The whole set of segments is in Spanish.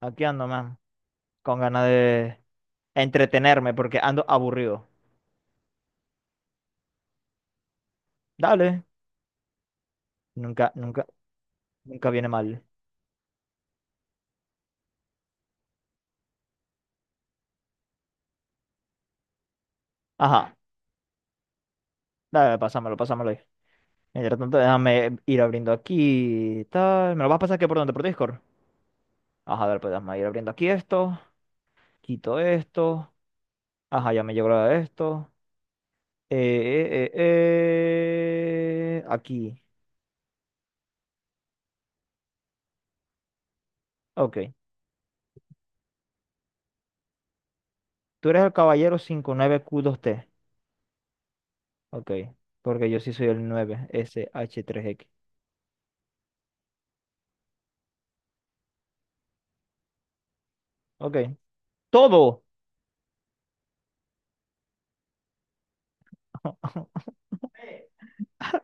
Aquí ando, man, con ganas de entretenerme porque ando aburrido. Dale, nunca, nunca, nunca viene mal. Ajá, dale, pásamelo, pásamelo ahí. Mientras tanto, déjame ir abriendo aquí, tal. ¿Me lo vas a pasar aquí por donde? ¿Por Discord? Ajá, dale, pues déjame ir abriendo aquí esto. Quito esto. Ajá, ya me llegó la de esto. Eh, Aquí. Ok. Tú eres el caballero 59Q2T. Ok. Porque yo sí soy el 9SH3X. Ok. ¡Todo!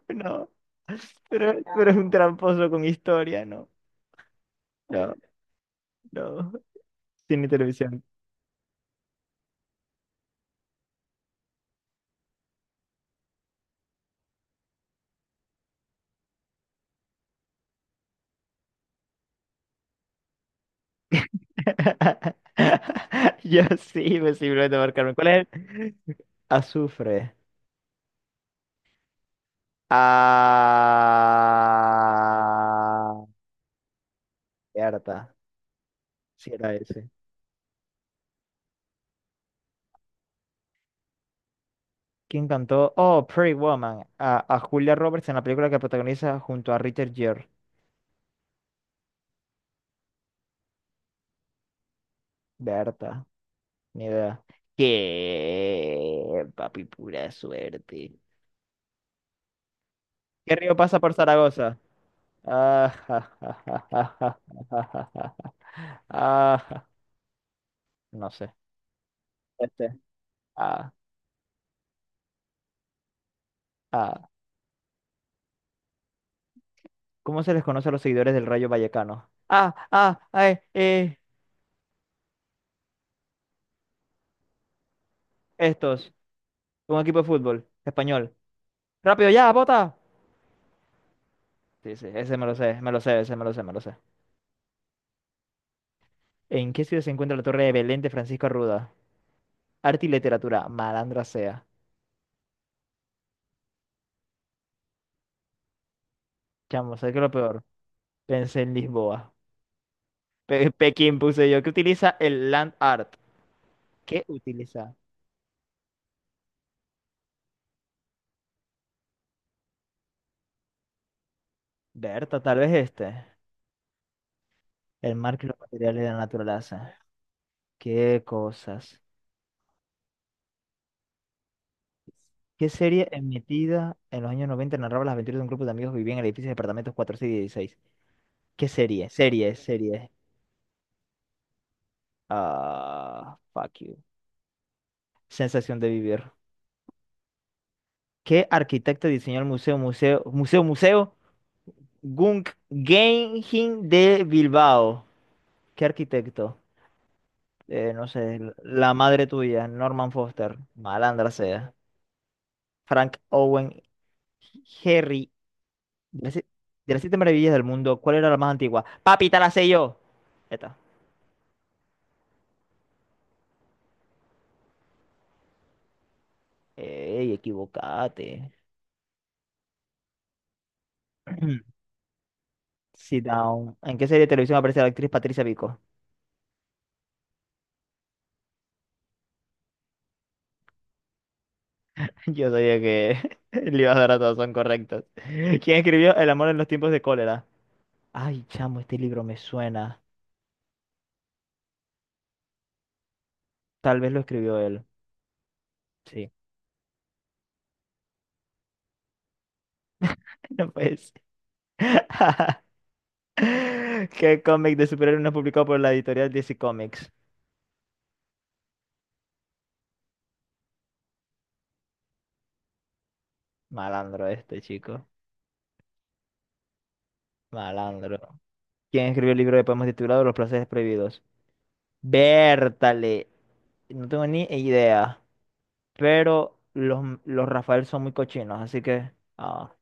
No, pero es un tramposo con historia, no, no, no, cine y televisión. Yo sí, me simplemente marcarme. ¿Cuál es el? Azufre. Ah, cierta, sí era ese. ¿Quién cantó Oh, Pretty Woman, a Julia Roberts en la película que protagoniza junto a Richard Gere? Berta, ni idea. ¿Qué? Papi, pura suerte. ¿Qué río pasa por Zaragoza? Ah, ja, ja, ja, ja, ja, ja, ja, ja, ah, ja. No sé. Este. Ah, ah. ¿Cómo se les conoce a los seguidores del Rayo Vallecano? Ah, ah, ay, estos. Un equipo de fútbol español. Rápido, ya, bota. Sí, sí, ese me lo sé, ese me lo sé, me lo sé. ¿En qué ciudad se encuentra la Torre de Belén de Francisco Arruda? Arte y literatura, malandra sea. Chamo, ¿sabes qué es lo peor? Pensé en Lisboa. Pekín puse yo. ¿Qué utiliza el land art? ¿Qué utiliza? Berta, tal vez este. El marco y los materiales de la naturaleza. Qué cosas. ¿Qué serie emitida en los años 90 narraba las aventuras de un grupo de amigos que vivían en edificios de departamentos 4, 6 y 16? ¿Qué serie? Serie, serie. Ah, fuck you. Sensación de vivir. ¿Qué arquitecto diseñó el museo? Guggenheim de Bilbao? ¿Qué arquitecto? No sé, la madre tuya, Norman Foster. Malandra sea. Frank Owen. Harry. De las, de las 7 maravillas del mundo, ¿cuál era la más antigua? Papi, te la sé yo. Ya está. Ey, equivocate. Sit down. ¿En qué serie de televisión aparece la actriz Patricia Pico? Yo sabía que le ibas a dar a todos, son correctos. ¿Quién escribió El amor en los tiempos de cólera? Ay, chamo, este libro me suena. Tal vez lo escribió él. Sí. No pues. ¿Qué cómic de superhéroes no es publicado por la editorial DC Comics? Malandro este, chico. Malandro. ¿Quién escribió el libro de poemas titulado Los placeres prohibidos? Bértale. No tengo ni idea. Pero los Rafael son muy cochinos, así que. Ah,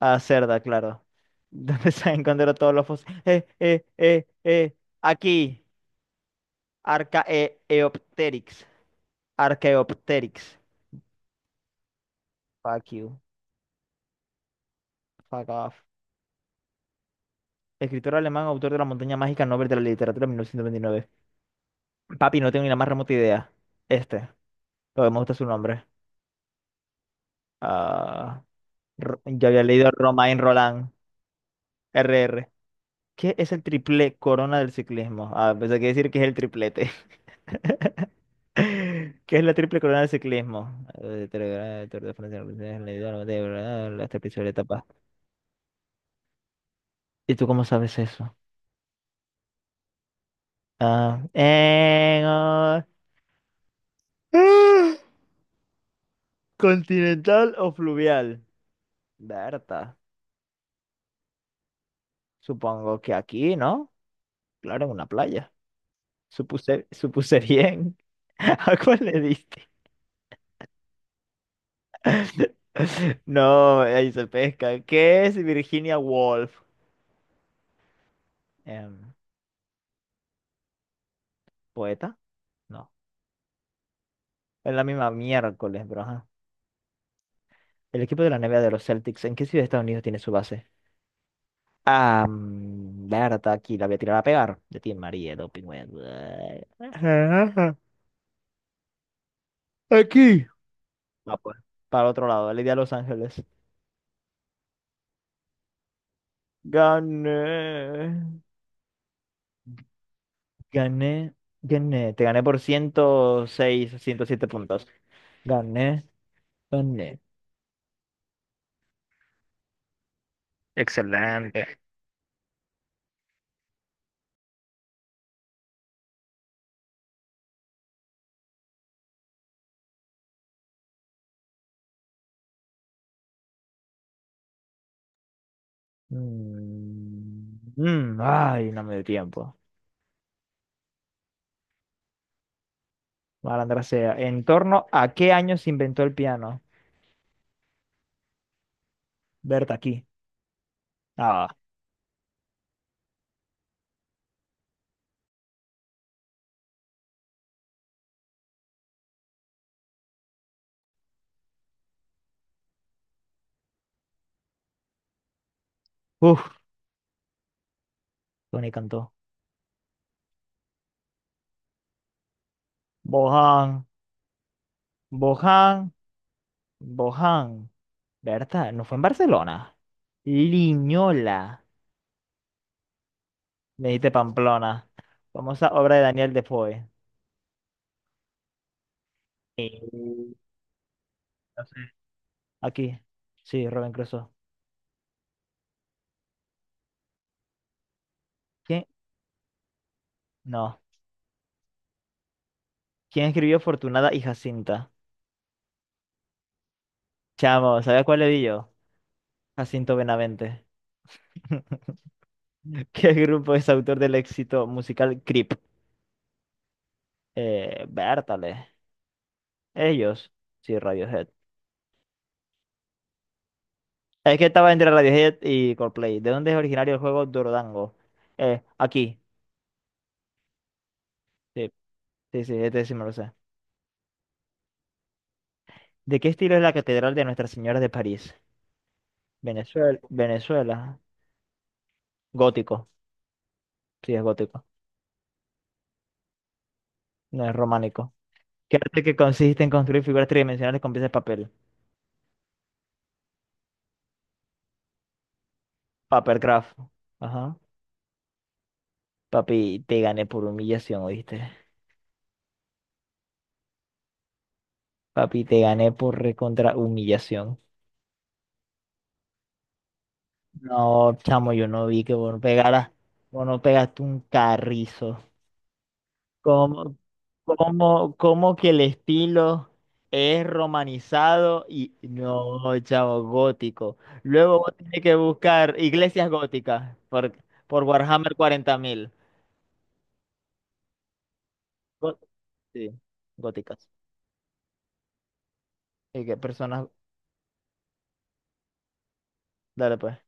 a cerda, claro. ¿Dónde se han encontrado todos los fósiles? Aquí. Archaeopteryx. Archaeopteryx. Fuck you. Fuck off. Escritor alemán, autor de La Montaña Mágica, Nobel de la Literatura 1929. Papi, no tengo ni la más remota idea. Este. Pero me gusta su nombre. Ah. Yo había leído Romain Roland, R R. ¿Qué es el triple corona del ciclismo? Ah, pensé que iba a decir que es el triplete. ¿Qué es la triple corona del ciclismo? Tour de Francia, Leidor, de verdad, las tres principales etapas. ¿Y tú cómo sabes eso? Ah, en, ah, ah, ¿continental o fluvial? Berta, supongo que aquí, ¿no? Claro, en una playa. Supuse, supuse bien. ¿A cuál le diste? No, ahí se pesca. ¿Qué es Virginia Woolf? Em, ¿Poeta? No. Es la misma miércoles, bro. Ajá. El equipo de la NBA de los Celtics, ¿en qué ciudad de Estados Unidos tiene su base? Ah, mm, Berta, aquí la voy a tirar a pegar. De ti, María, doping. Web. Ajá. Aquí. Ah, pues. Para otro lado, el día de Los Ángeles. Gané. Gané. Gané. Te gané por 106, 107 puntos. Gané. Gané. Excelente. Mm, mm, ay, no me dio tiempo. Malandra sea. ¿En torno a qué año se inventó el piano? Berta aquí. Ah, uff, Tony cantó. Bohan, Bohan, Bohan. Berta, ¿no fue en Barcelona? Liñola. Me dijiste Pamplona. Famosa obra de Daniel Defoe. No sé. Aquí. Sí, Robin Crusoe. ¿Quién? No. ¿Quién escribió Fortunada y Jacinta? Chamo, ¿sabes cuál le di yo? Jacinto Benavente. ¿Qué grupo es autor del éxito musical Creep? Bertale. Ellos. Sí, Radiohead. Es que estaba entre Radiohead y Coldplay. ¿De dónde es originario el juego Dordango? Aquí. Sí, sí, sí, este sí me lo sé. ¿De qué estilo es la Catedral de Nuestra Señora de París? Venezuela. Venezuela. Gótico. Sí, es gótico. No es románico. ¿Qué arte que consiste en construir figuras tridimensionales con piezas de papel? Papercraft. Ajá. Papi, te gané por humillación, ¿oíste? Papi, te gané por recontra humillación. No, chamo, yo no vi que vos no pegaras, vos no pegaste un carrizo. ¿Cómo, cómo, cómo que el estilo es romanizado y no, chamo, gótico? Luego vos tenés que buscar iglesias góticas por Warhammer 40.000. Gó- Sí, góticas. Y que personas, dale pues.